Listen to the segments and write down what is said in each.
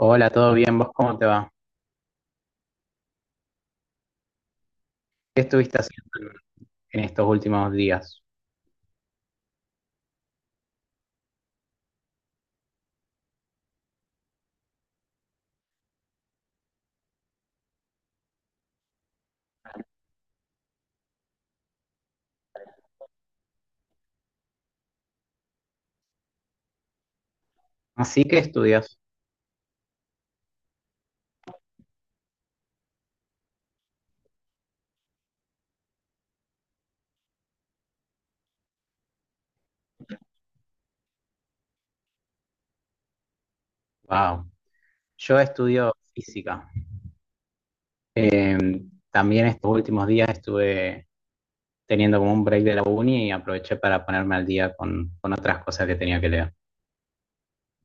Hola, ¿todo bien? ¿Vos cómo te va? ¿Qué estuviste haciendo en estos últimos días? Así que estudias. Wow. Yo estudio física. Eh, También estos últimos días estuve teniendo como un break de la uni y aproveché para ponerme al día con otras cosas que tenía que leer,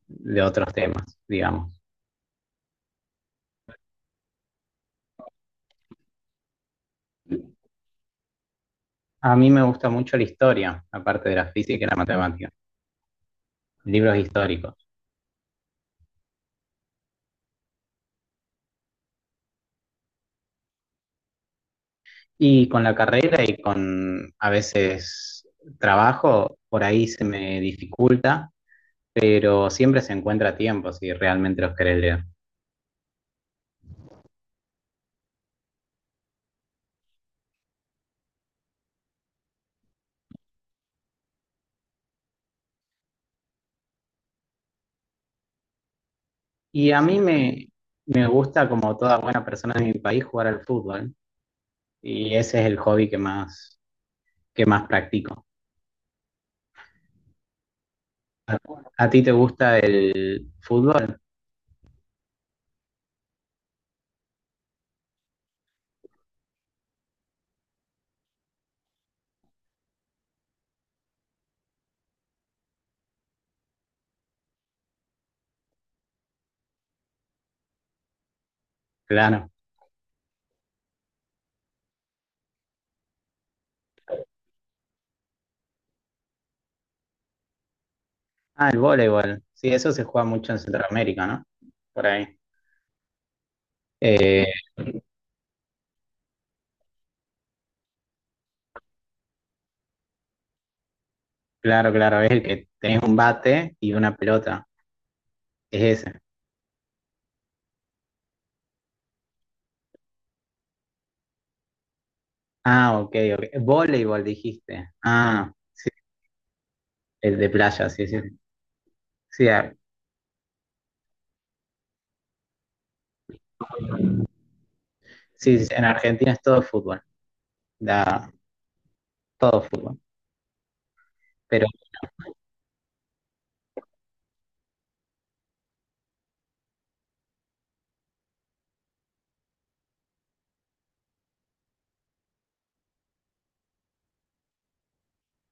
de otros temas, digamos. A mí me gusta mucho la historia, aparte de la física y la matemática. Libros históricos. Y con la carrera y con a veces trabajo, por ahí se me dificulta, pero siempre se encuentra tiempo si realmente los querés leer. Y me gusta, como toda buena persona de mi país, jugar al fútbol. Y ese es el hobby que más practico. ¿A, a ti te gusta el fútbol? Claro. Ah, el voleibol. Sí, eso se juega mucho en Centroamérica, ¿no? Por ahí. Eh, claro, es el que tenés un bate y una pelota. Es ese. Ah, ok, ok. Voleibol dijiste. Ah, sí, el de playa, sí, sí. Sí, a- sí, sí, en Argentina es todo fútbol, da, todo fútbol. Pero,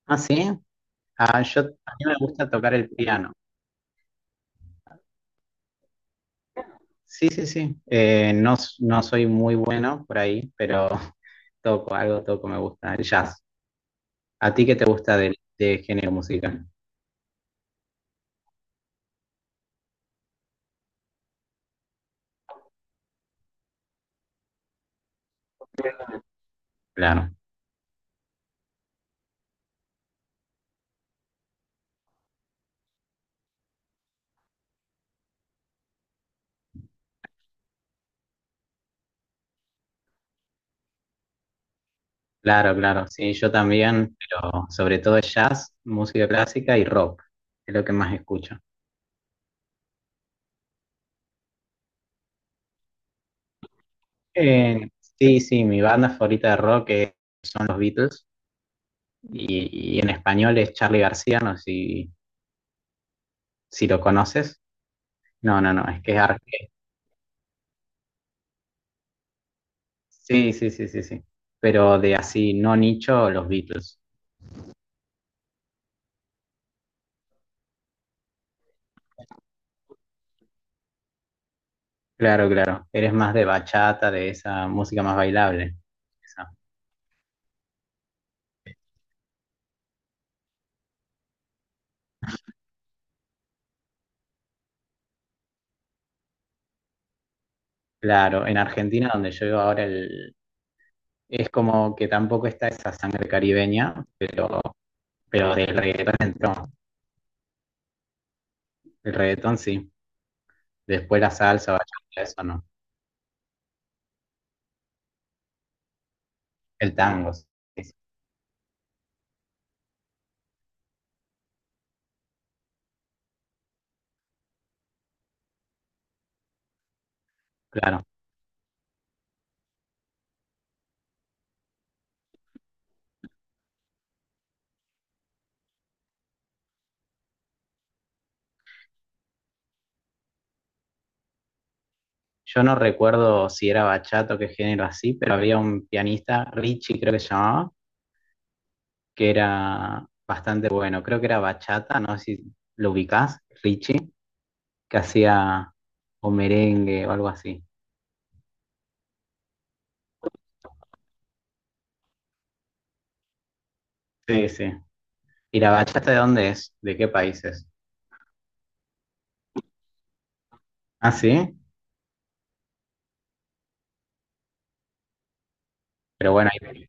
ah, sí, a mí me gusta tocar el piano. Sí, sí, sí. No soy muy bueno por ahí, pero toco, algo toco, me gusta, el jazz. ¿A ti qué te gusta de género musical? Claro, claro. Sí, yo también, pero sobre todo jazz, música clásica y rock, es lo que más escucho. Eh, sí, sí, mi banda favorita de rock son los Beatles y en español es Charly García, no sé si, si lo conoces. No, no, no, es que es sí, sí, sí, sí, sí. Pero de así, no nicho, los Beatles. Claro, claro. Eres más de bachata, de esa música más bailable. Esa. Claro, en Argentina, donde yo vivo ahora, el... es como que tampoco está esa sangre caribeña, pero del reggaetón entró. El reggaetón sí. Después la salsa, bachata, eso no. El tango, sí, sí, claro. Yo no recuerdo si era bachata o qué género así, pero había un pianista, Richie creo que se llamaba, que era bastante bueno. Creo que era bachata, no sé si lo ubicás, Richie, que hacía o merengue o algo así. Sí, sí. ¿Y la bachata de dónde es? ¿De qué países? Ah, sí. Pero bueno,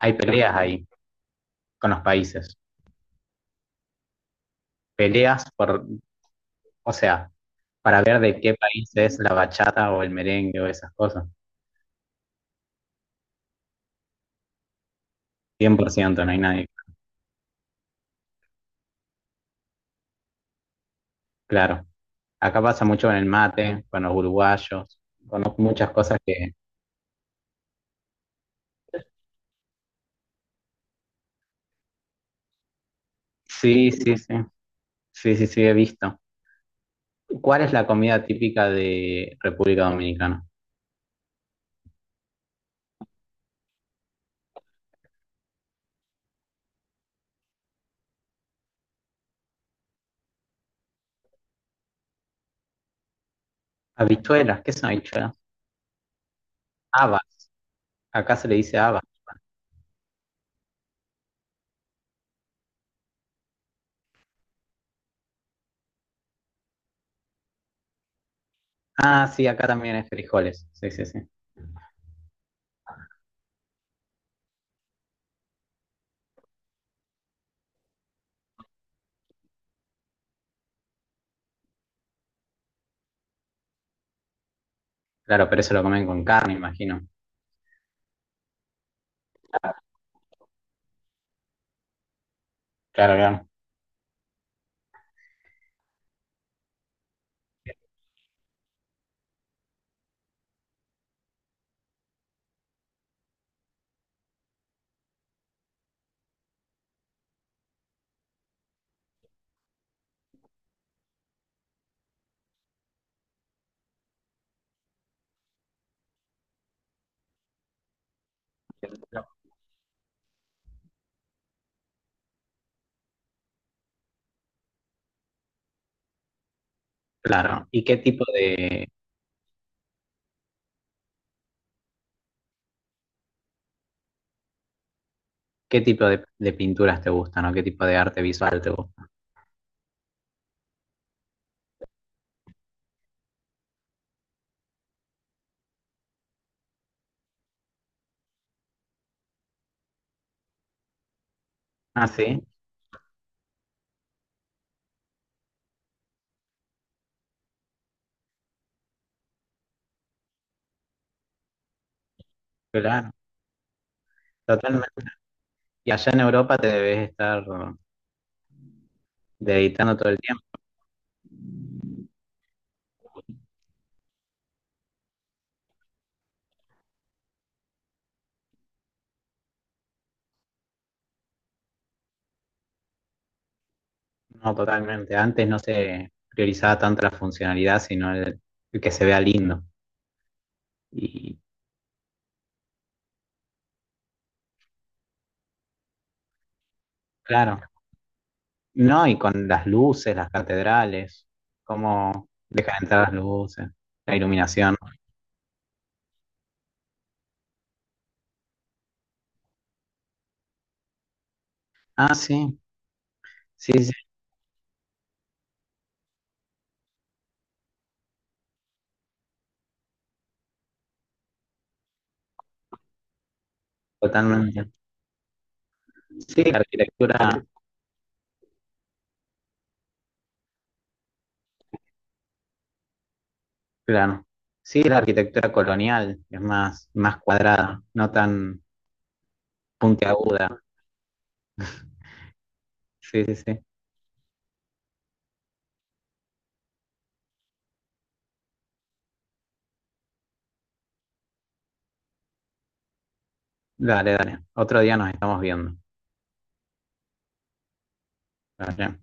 hay peleas ahí con los países. Peleas por, o sea, para ver de qué país es la bachata o el merengue o esas cosas. 100% no hay nadie. Claro, acá pasa mucho con el mate, con los uruguayos, con muchas cosas que... Sí, sí, sí, sí, sí, sí, he visto. ¿Cuál es la comida típica de República Dominicana? Habichuelas, ¿qué son habichuelas? Habas, acá se le dice habas. Ah, sí, acá también hay frijoles, sí, sí, sí. Claro, pero eso lo comen con carne, imagino. Claro, claro. Claro, ¿y qué tipo qué tipo de pinturas te gustan o qué tipo de arte visual te gusta? Ah, sí, claro, totalmente. Y allá en Europa te debes estar de editando todo el tiempo. No, totalmente. Antes no se priorizaba tanto la funcionalidad, sino el que se vea lindo. Y claro, no, y con las luces, las catedrales, cómo dejan entrar las luces, la iluminación. Ah, sí, sí, sí, totalmente. Sí, la arquitectura, claro. Sí, la arquitectura colonial es más, más cuadrada, no tan puntiaguda. Sí, sí, sí. Dale, dale. Otro día nos estamos viendo. Dale.